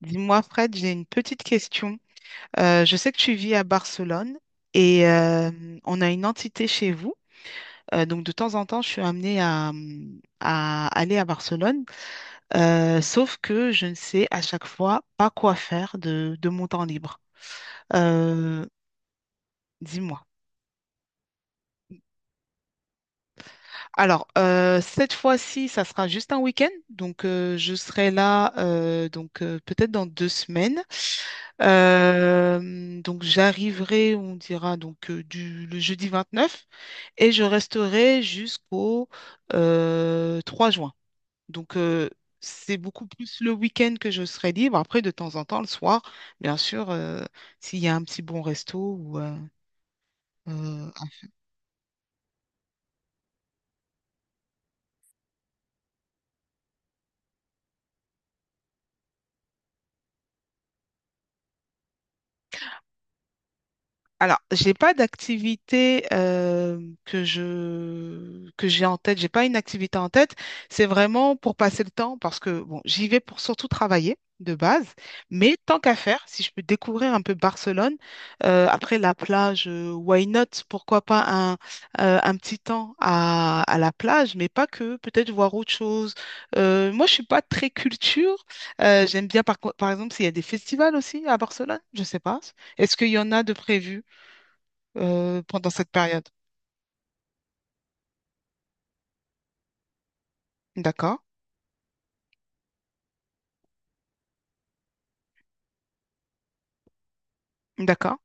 Dis-moi, Fred, j'ai une petite question. Je sais que tu vis à Barcelone et on a une entité chez vous. Donc, de temps en temps, je suis amenée à aller à Barcelone. Sauf que je ne sais à chaque fois pas quoi faire de mon temps libre. Euh, Dis-moi. Cette fois-ci, ça sera juste un week-end. Donc, je serai là donc peut-être dans deux semaines. Donc, j'arriverai, on dira, donc le jeudi 9 et je resterai jusqu'au 3 juin. Donc, c'est beaucoup plus le week-end que je serai libre. Après, de temps en temps, le soir, bien sûr, s'il y a un petit bon resto ou euh, alors, j'ai pas d'activité que j'ai en tête. J'ai pas une activité en tête. C'est vraiment pour passer le temps parce que bon, j'y vais pour surtout travailler de base. Mais tant qu'à faire, si je peux découvrir un peu Barcelone après la plage, why not? Pourquoi pas un un petit temps à la plage, mais pas que. Peut-être voir autre chose. Moi, je suis pas très culture. J'aime bien par exemple s'il y a des festivals aussi à Barcelone. Je sais pas. Est-ce qu'il y en a de prévus pendant cette période. D'accord. D'accord.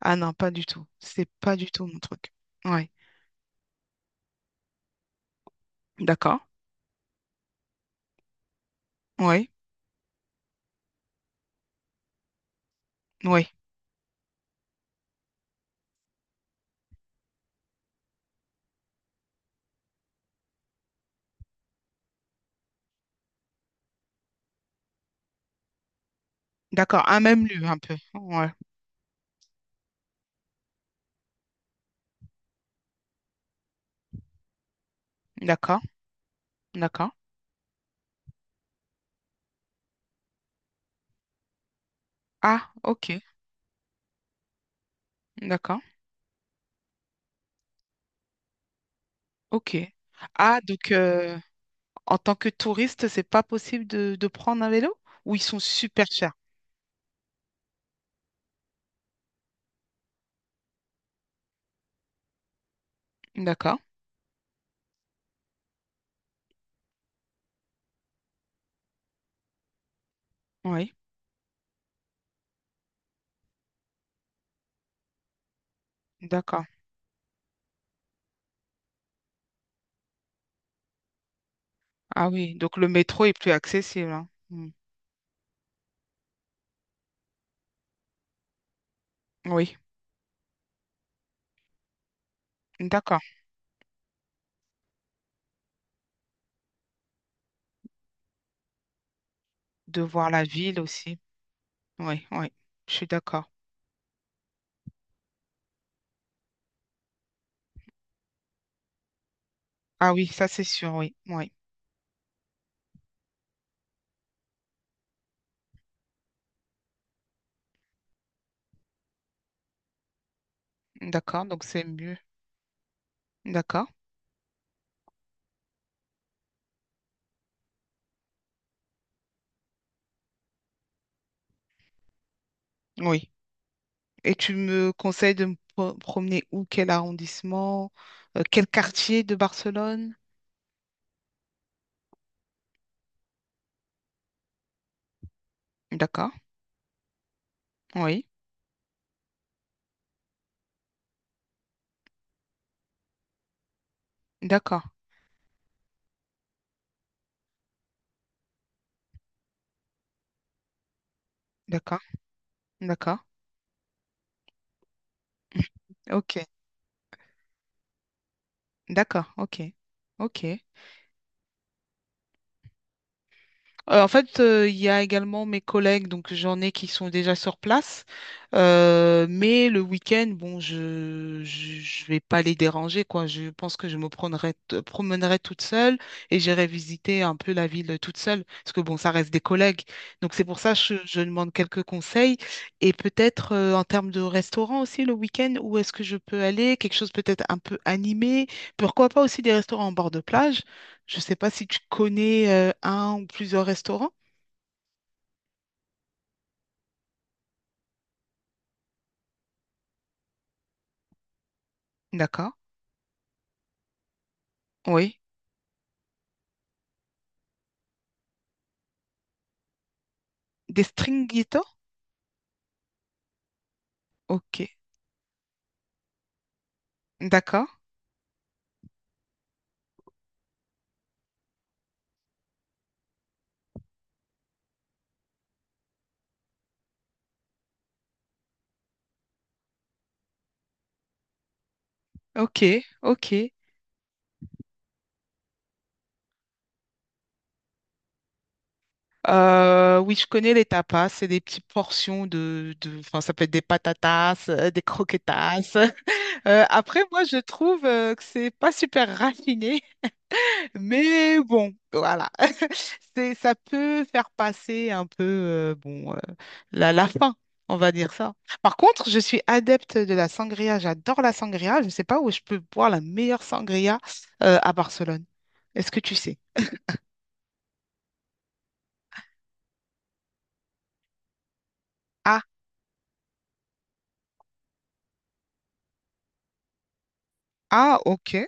Ah non, pas du tout. C'est pas du tout mon truc. Ouais. D'accord. Ouais. Ouais. D'accord. Ah, même lui, un peu. Ouais. D'accord. D'accord. Ah, ok. D'accord. Ok. Ah, donc en tant que touriste, c'est pas possible de prendre un vélo? Ou ils sont super chers? D'accord. Oui. D'accord. Ah oui. Donc le métro est plus accessible, hein. Hmm. Oui. D'accord. De voir la ville aussi. Oui, oui. Je suis d'accord. Ah oui, ça c'est sûr, oui. Oui. D'accord, donc c'est mieux. D'accord. Oui. Et tu me conseilles de me promener où, quel arrondissement, quel quartier de Barcelone? D'accord. Oui. D'accord. D'accord. D'accord. Ok. D'accord. Ok. Ok. Il y a également mes collègues, donc j'en ai qui sont déjà sur place. Mais le week-end, bon, je je vais pas les déranger, quoi. Je pense que je promènerai toute seule et j'irai visiter un peu la ville toute seule, parce que bon, ça reste des collègues. Donc c'est pour ça que je demande quelques conseils et peut-être en termes de restaurant aussi le week-end, où est-ce que je peux aller? Quelque chose peut-être un peu animé. Pourquoi pas aussi des restaurants en bord de plage? Je ne sais pas si tu connais un ou plusieurs restaurants. D'accord. Oui. Des stringhito? Ok. D'accord. Ok. Ok. Oui, je connais les tapas. C'est des petites portions enfin, ça peut être des patatas, des croquetas. Après, moi, je trouve que c'est pas super raffiné. Mais bon, voilà. C'est, ça peut faire passer un peu la faim, on va dire ça. Par contre, je suis adepte de la sangria. J'adore la sangria. Je ne sais pas où je peux boire la meilleure sangria à Barcelone. Est-ce que tu sais? Ah, ah, ok.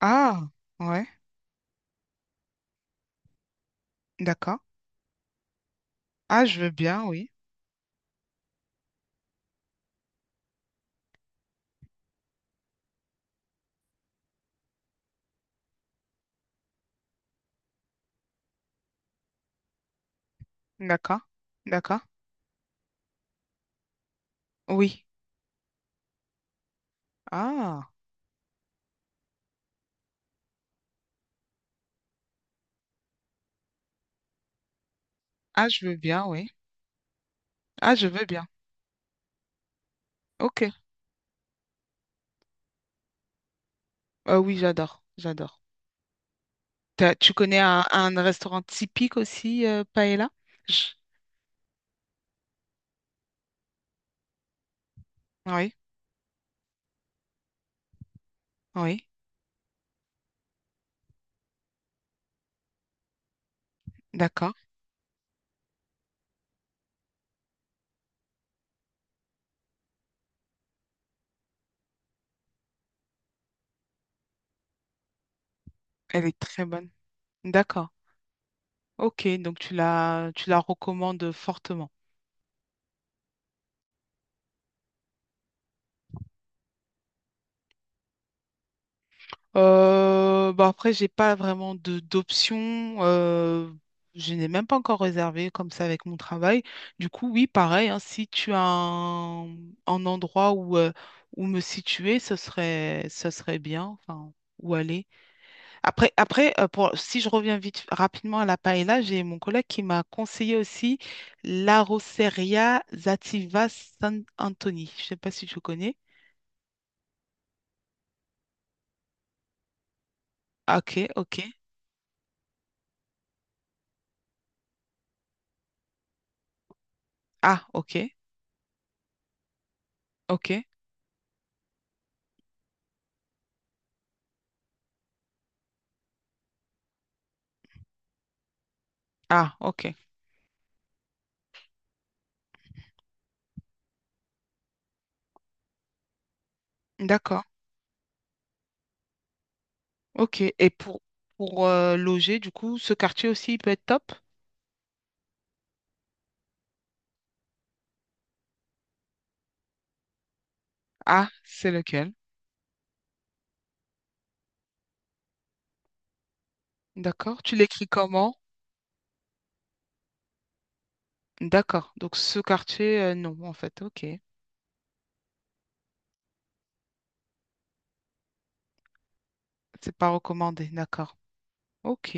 Ah, ouais, d'accord. Ah, je veux bien, oui. D'accord, d'accord. Oui. Ah, ah, je veux bien, oui. Ah, je veux bien. Ok. Ah oui, j'adore, j'adore. T'as- tu connais un restaurant typique aussi, Paella? Je- Oui, oui, d'accord. Elle est très bonne. D'accord. Ok, donc tu la recommandes fortement. Bon après, j'ai pas vraiment de d'options. Je n'ai même pas encore réservé comme ça avec mon travail. Du coup, oui, pareil, hein, si tu as un endroit où, où me situer, ce serait bien. Enfin, où aller. Après, pour, si je reviens vite rapidement à la paella, j'ai mon collègue qui m'a conseillé aussi la Rosseria Zativa San Anthony. Je ne sais pas si tu connais. Ah, Ok, ok. Ah, ok, ok. Ah, ok. D'accord. Ok. Pour loger, du coup, ce quartier aussi, il peut être top? Ah, c'est lequel? D'accord. Tu l'écris comment? D'accord. Donc, ce quartier, non, en fait. Ok. C'est pas recommandé. D'accord. Ok.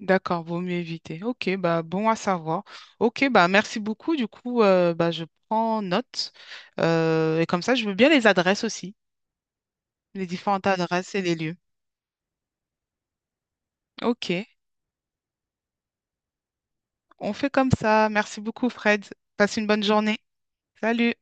D'accord, vaut mieux éviter. Ok, bah bon à savoir. Ok, bah merci beaucoup. Du coup, bah, je prends note. Et comme ça, je veux bien les adresses aussi, les différentes adresses et les lieux. Ok, on fait comme ça. Merci beaucoup, Fred. Passe une bonne journée. Salut.